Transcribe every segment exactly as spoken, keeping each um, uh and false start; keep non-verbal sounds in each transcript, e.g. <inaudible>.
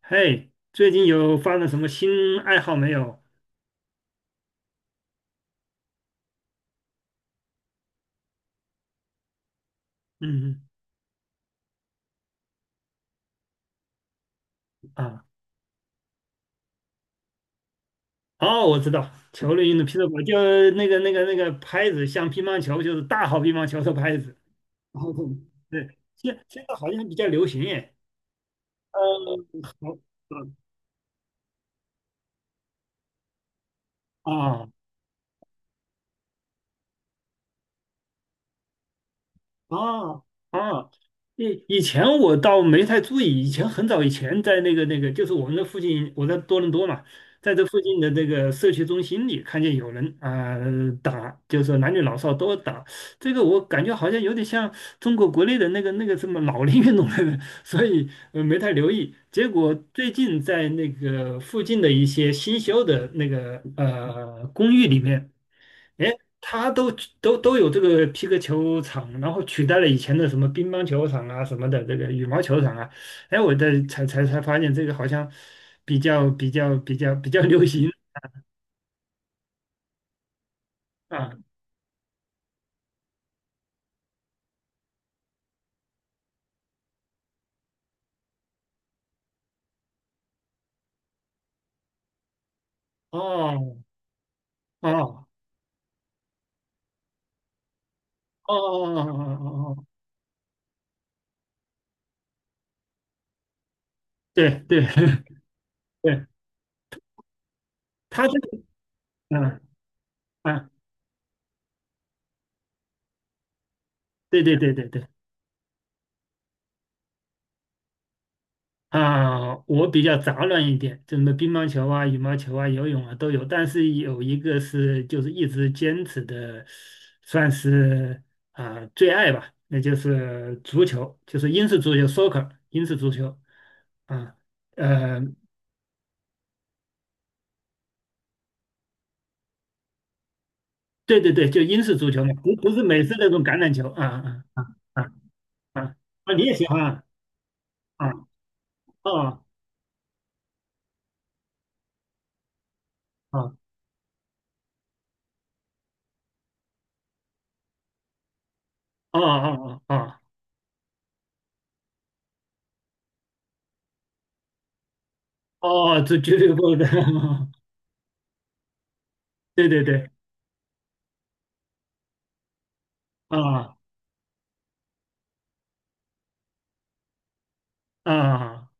嘿，最近有发展什么新爱好没有？嗯啊，哦，我知道，球类运动匹克堡就那个那个那个拍子，像乒乓球就是大号乒乓球的拍子。哦，对，现现在好像比较流行耶。呃，好，啊啊啊，以以前我倒没太注意，以前很早以前在那个那个，就是我们的附近，我在多伦多嘛，在这附近的那个社区中心里看见有人啊、打，就是说男女老少都打，这个我感觉好像有点像中国国内的那个那个什么老龄运动的，<laughs> 所以呃没太留意。结果最近在那个附近的一些新修的那个呃公寓里面。哎，他都都都有这个皮克球场，然后取代了以前的什么乒乓球场啊什么的，这个羽毛球场啊。哎，我在才才才发现这个好像比较比较比较比较流行啊。哦哦哦哦哦哦哦，哦，对对 <laughs> 对，他这个嗯啊，对对对对对。啊，我比较杂乱一点，什么乒乓球啊、羽毛球啊、游泳啊都有，但是有一个是就是一直坚持的，算是啊、最爱吧，那就是足球，就是英式足球（ （soccer），英式足球啊，呃，对对对，就英式足球嘛，不不是美式那种橄榄球啊啊啊啊啊，啊啊啊你也喜欢啊啊啊啊啊啊哦哦，哦，足俱乐部的，<laughs> 对对对啊啊。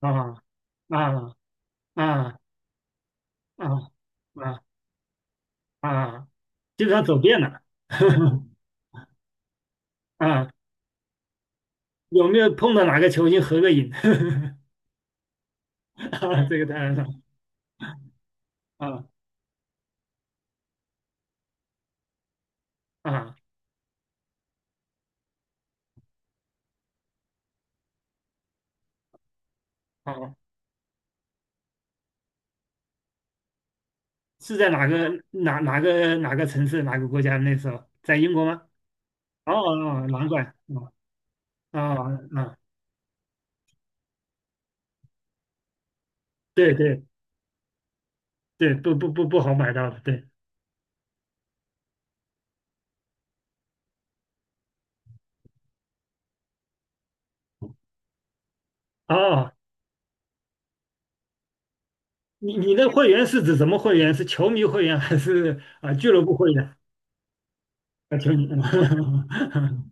啊啊啊啊啊啊，基本上走遍了。<laughs> 啊，有没有碰到哪个球星合个影？<laughs> 啊，这个当然了。啊啊，好，是在哪个哪哪个哪个城市哪个国家？那时候在英国吗？哦哦，难怪。哦哦啊，对对对，不不不不好买到的。对，哦，你你的会员是指什么会员？是球迷会员还是啊俱乐部会员？啊，球迷。<laughs>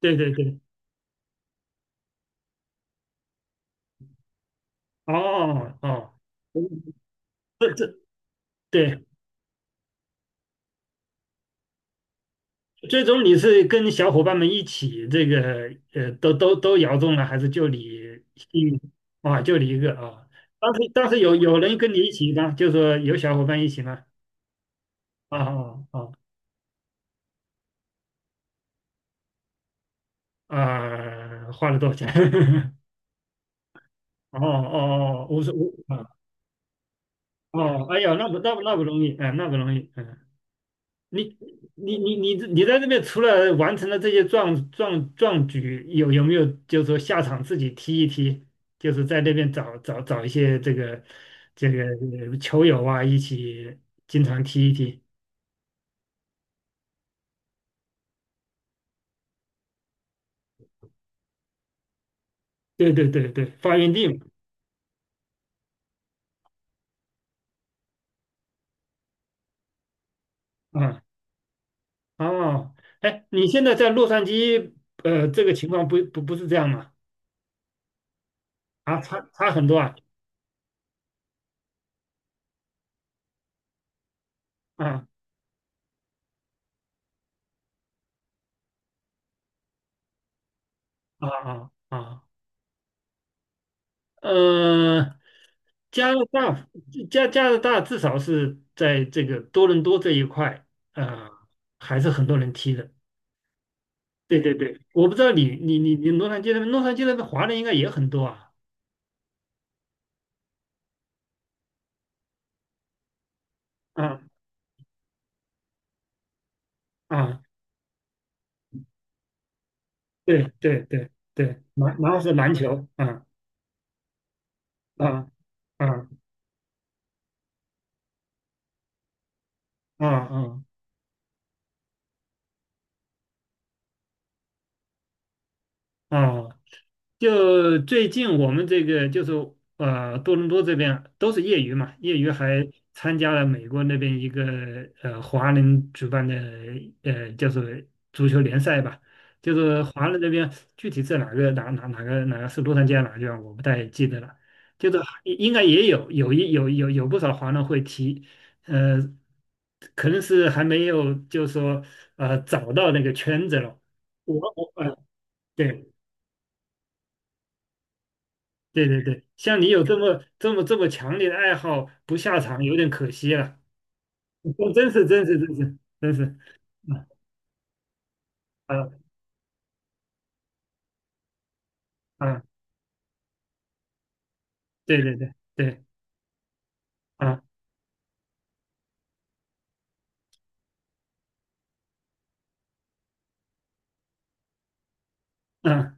对对对哦哦，这这对，最终你是跟小伙伴们一起这个呃，都都都摇中了，还是就你幸运啊？就你一个啊？当时当时有有人跟你一起吗？就说有小伙伴一起吗？啊啊啊啊！花了多少钱？<laughs> 哦哦哦，五十五啊！哦，哎呀，那不那不那不容易，哎，那不容易，嗯。你你你你你在这边除了完成了这些壮壮壮举，有有没有就是说下场自己踢一踢，就是在那边找找找一些这个这个呃球友啊，一起经常踢一踢。对对对对，发源地嘛，啊、哦，哎，你现在在洛杉矶，呃，这个情况不不不是这样吗？啊，差差很多啊，啊啊啊啊。呃，加拿大加加拿大至少是在这个多伦多这一块，呃，还是很多人踢的。对对对，我不知道你你你你洛杉矶那边，洛杉矶那边华人应该也很多啊。啊啊，对对对对，篮然后是篮球，啊啊啊啊啊啊。哦，就最近我们这个就是呃多伦多这边都是业余嘛，业余还参加了美国那边一个呃华人举办的呃就是足球联赛吧，就是华人那边具体是哪个哪哪哪个哪个是洛杉矶还是哪个地方我不太记得了，就是应该也有有一有有有不少华人会踢，呃，可能是还没有就是说呃找到那个圈子了，我我呃对。对对对，像你有这么这么这么强烈的爱好，不下场有点可惜了。<laughs> 真真是真是真是真是，啊啊啊！对对对对啊啊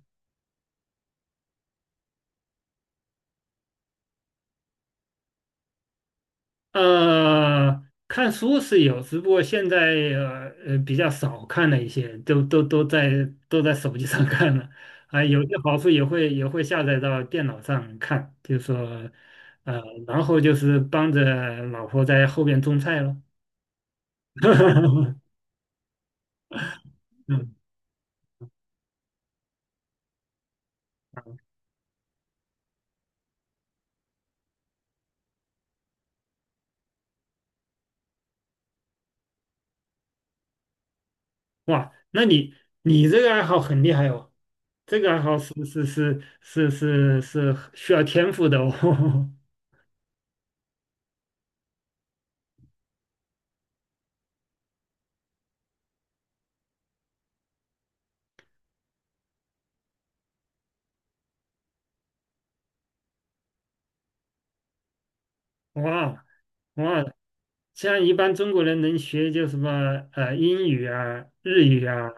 呃，看书是有，只不过现在呃呃比较少看了一些，都都都在都在手机上看了。啊，有些好处也会也会下载到电脑上看，就是说呃，然后就是帮着老婆在后边种菜了。<laughs> 嗯。哇，那你你这个爱好很厉害哦，这个爱好是是是是是是需要天赋的哦。<laughs> 哇哇，像一般中国人能学就什么呃英语啊、日语啊、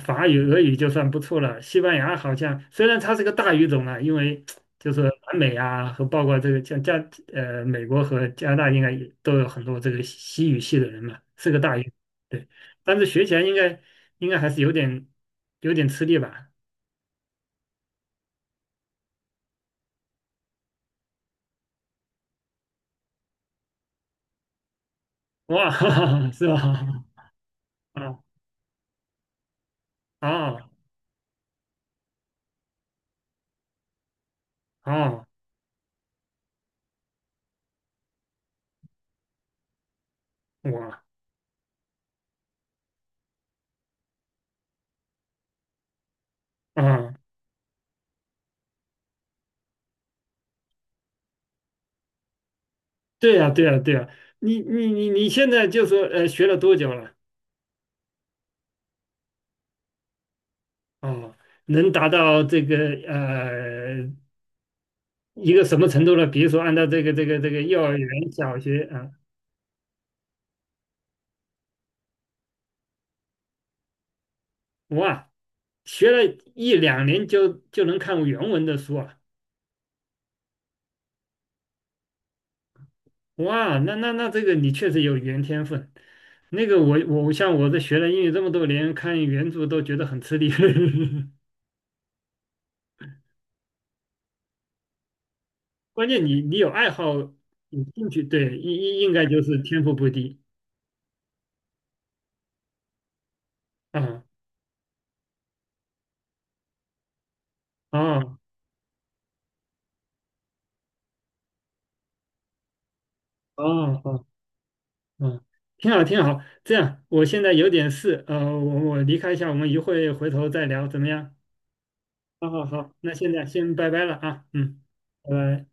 法语、俄语就算不错了。西班牙好像虽然它是个大语种啊，因为就是南美啊和包括这个像加呃美国和加拿大应该也都有很多这个西语系的人嘛，是个大语，对。但是学起来应该应该还是有点有点吃力吧？哇，<laughs> 哈哈是吧？<laughs> 啊啊啊哇啊！对呀，对呀，对呀，你你你你现在就说呃学了多久了？哦，能达到这个呃一个什么程度呢？比如说按照这个这个这个幼儿园、小学啊，哇，学了一两年就就能看原文的书啊，哇，那那那这个你确实有语言天分。那个我我像我这学了英语这么多年，看原著都觉得很吃力。<laughs> 关键你你有爱好有兴趣，对，应应应该就是天赋不低啊。啊。哦哦哦，挺好挺好。这样，我现在有点事，呃，我我离开一下，我们一会回头再聊，怎么样？好好好，那现在先拜拜了啊，嗯，拜拜。